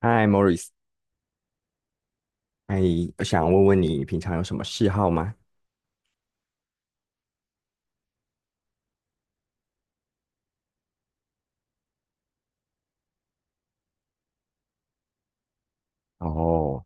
嗨，Morris，哎，我想问问你平常有什么嗜好吗？然后，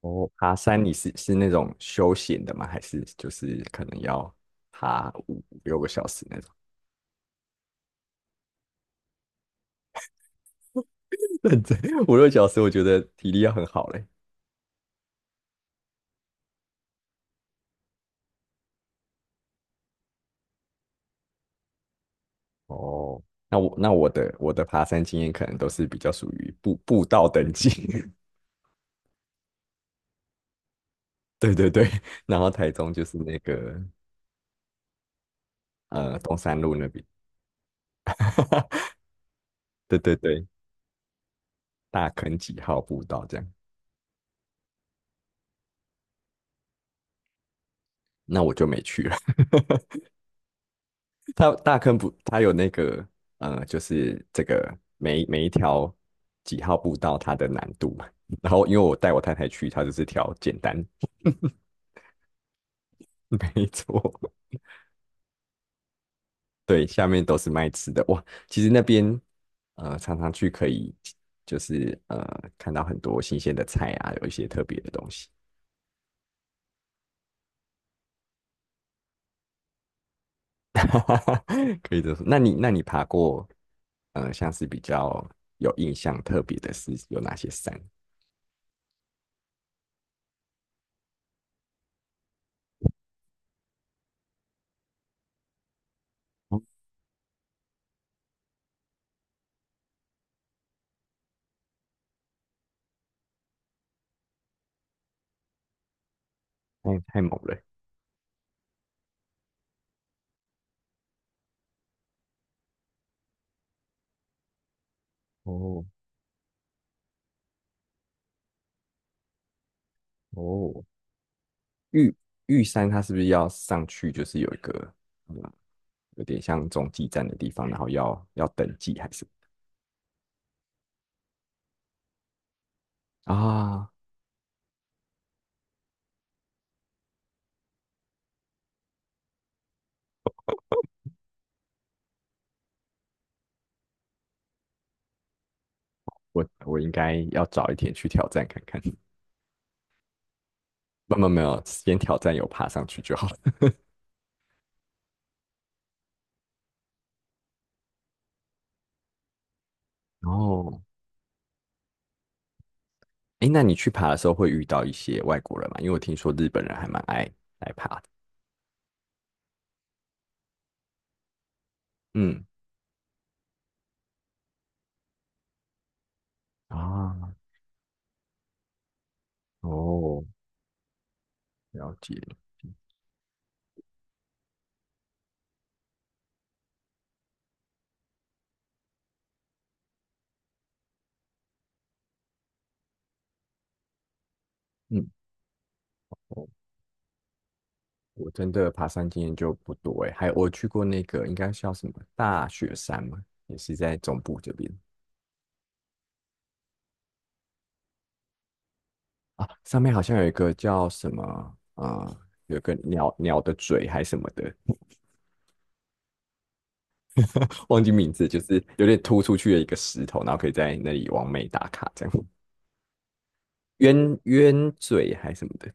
哦，爬山你是那种休闲的吗？还是就是可能要爬五六个小时那种？认真，五六小时我觉得体力要很好嘞。哦，那我的爬山经验可能都是比较属于步道等级。对对对。然后台中就是那个东山路那边。对对对，大坑几号步道这样，那我就没去了。它大坑不，它有那个就是这个每一条几号步道它的难度嘛。然后因为我带我太太去，它就是挑简单。没错，对，下面都是卖吃的哇。其实那边常常去可以就是看到很多新鲜的菜啊，有一些特别的东西。可以这么说。那你爬过像是比较有印象特别的是有哪些山？哦太猛了。哦，哦，玉玉山它是不是要上去？就是有一个，嗯，有点像中继站的地方，然后要登记还是？啊，我应该要早一点去挑战看看。没有没有，先挑战有爬上去就好了。哦，哎，那你去爬的时候会遇到一些外国人吗？因为我听说日本人还蛮爱来爬的。嗯，啊，哦，了解。嗯。我真的爬山经验就不多诶，还有我去过那个应该叫什么大雪山嘛，也是在中部这边啊，上面好像有一个叫什么啊、有个鸟的嘴还什么的。忘记名字，就是有点突出去的一个石头，然后可以在那里完美打卡这样，鸳嘴还什么的。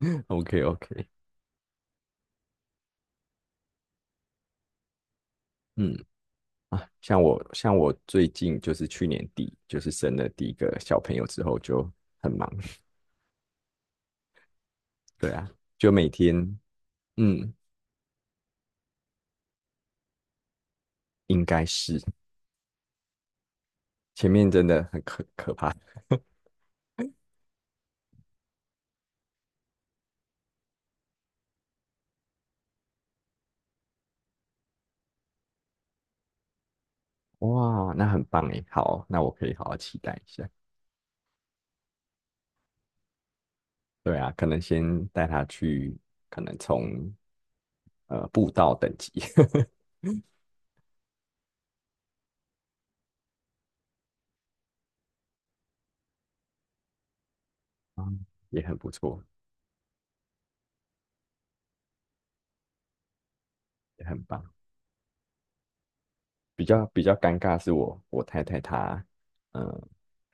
，OK OK，嗯啊，像我最近就是去年底就是生了第一个小朋友之后就很忙。对啊，就每天。嗯，应该是前面真的很可怕。哇，那很棒诶，好，那我可以好好期待一下。对啊，可能先带他去，可能从步道等级。嗯，也很不错，也很棒。比较尴尬是我太太她，嗯，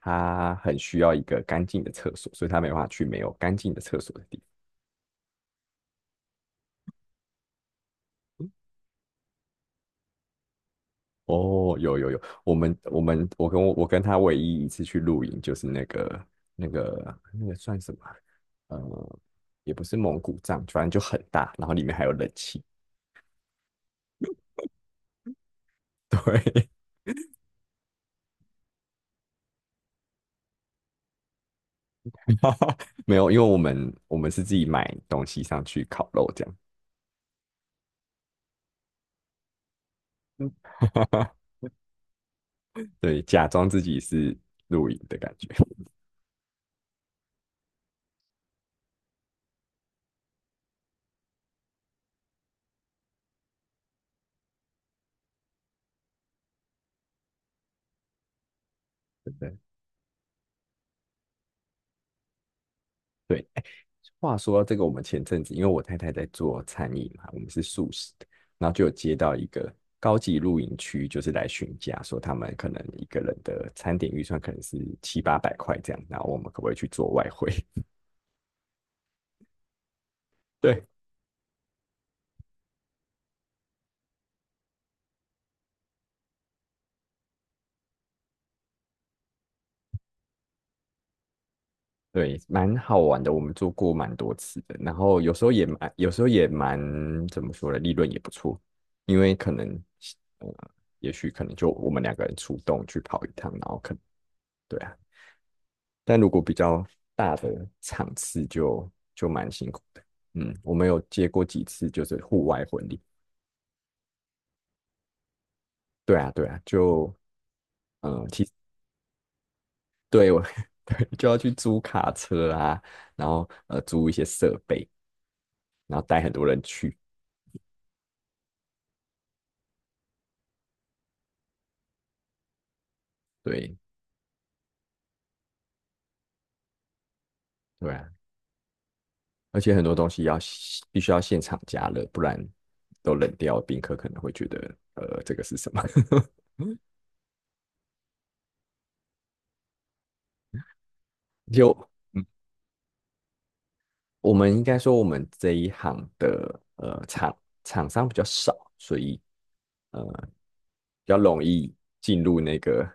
她很需要一个干净的厕所，所以她没办法去没有干净的厕所的地方。哦，有有有，我们我跟她唯一一次去露营就是那个那个算什么？呃，也不是蒙古帐，反正就很大，然后里面还有冷气。对，没有，因为我们是自己买东西上去烤肉这样。对，假装自己是露营的感觉。对对对，哎话说到这个，我们前阵子因为我太太在做餐饮嘛，我们是素食的，然后就有接到一个高级露营区，就是来询价，说他们可能一个人的餐点预算可能是七八百块这样，然后我们可不可以去做外汇？对，对，蛮好玩的，我们做过蛮多次的，然后有时候也蛮，有时候也蛮，怎么说呢，利润也不错，因为可能，呃，也许可能就我们两个人出动去跑一趟，然后可能对啊，但如果比较大的场次就蛮辛苦的。嗯，我们有接过几次就是户外婚礼，对啊，对啊，就，嗯、其实对我，对，就要去租卡车啊，然后租一些设备，然后带很多人去。对。对啊，而且很多东西必须要现场加热，不然都冷掉，宾客可能会觉得这个是什么？就嗯我们应该说我们这一行的厂商比较少，所以呃比较容易进入那个。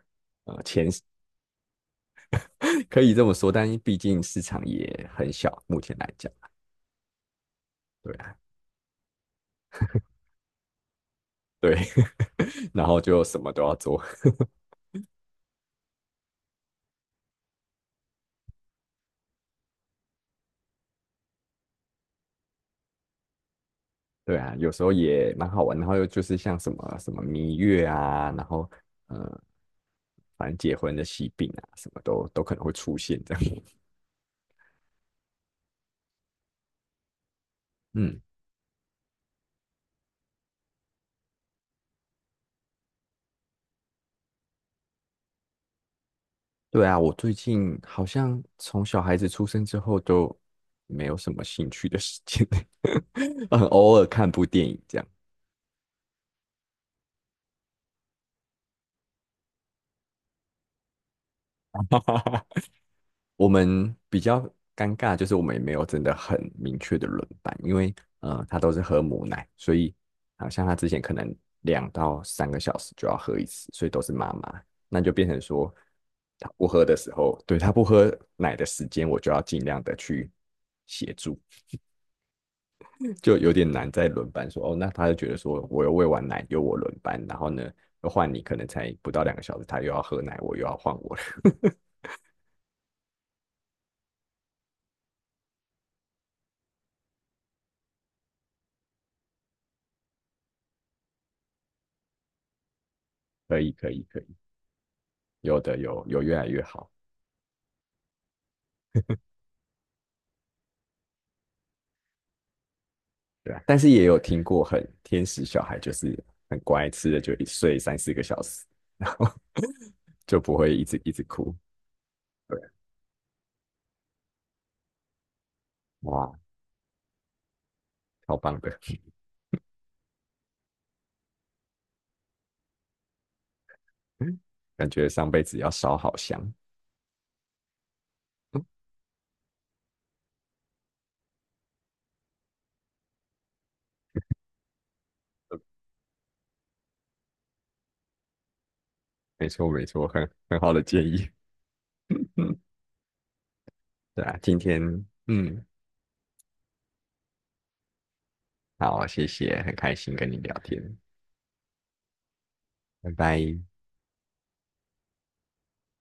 可以这么说，但毕竟市场也很小，目前来讲，对啊，对。然后就什么都要做。对啊，有时候也蛮好玩，然后又就是像什么什么蜜月啊，然后呃反正结婚的喜病啊，什么都可能会出现这样。嗯，对啊，我最近好像从小孩子出生之后都没有什么兴趣的事情。很偶尔看部电影这样。我们比较尴尬，就是我们也没有真的很明确的轮班，因为他都是喝母奶，所以好像他之前可能2到3个小时就要喝一次，所以都是妈妈，那就变成说他不喝的时候，对，他不喝奶的时间，我就要尽量的去协助，就有点难在轮班说哦，那他就觉得说我又喂完奶，由我轮班，然后呢又换你，可能才不到2个小时，他又要喝奶，我又要换我了。可以可以可以，有的有越来越好。对啊，但是也有听过很天使小孩，就是很乖，吃了就一睡3、4个小时，然后 就不会一直一直哭。对，哇，超棒的。感觉上辈子要烧好香。嗯没错没错，很好的建议。嗯，对啊，今天嗯，好，谢谢，很开心跟你聊天，拜拜。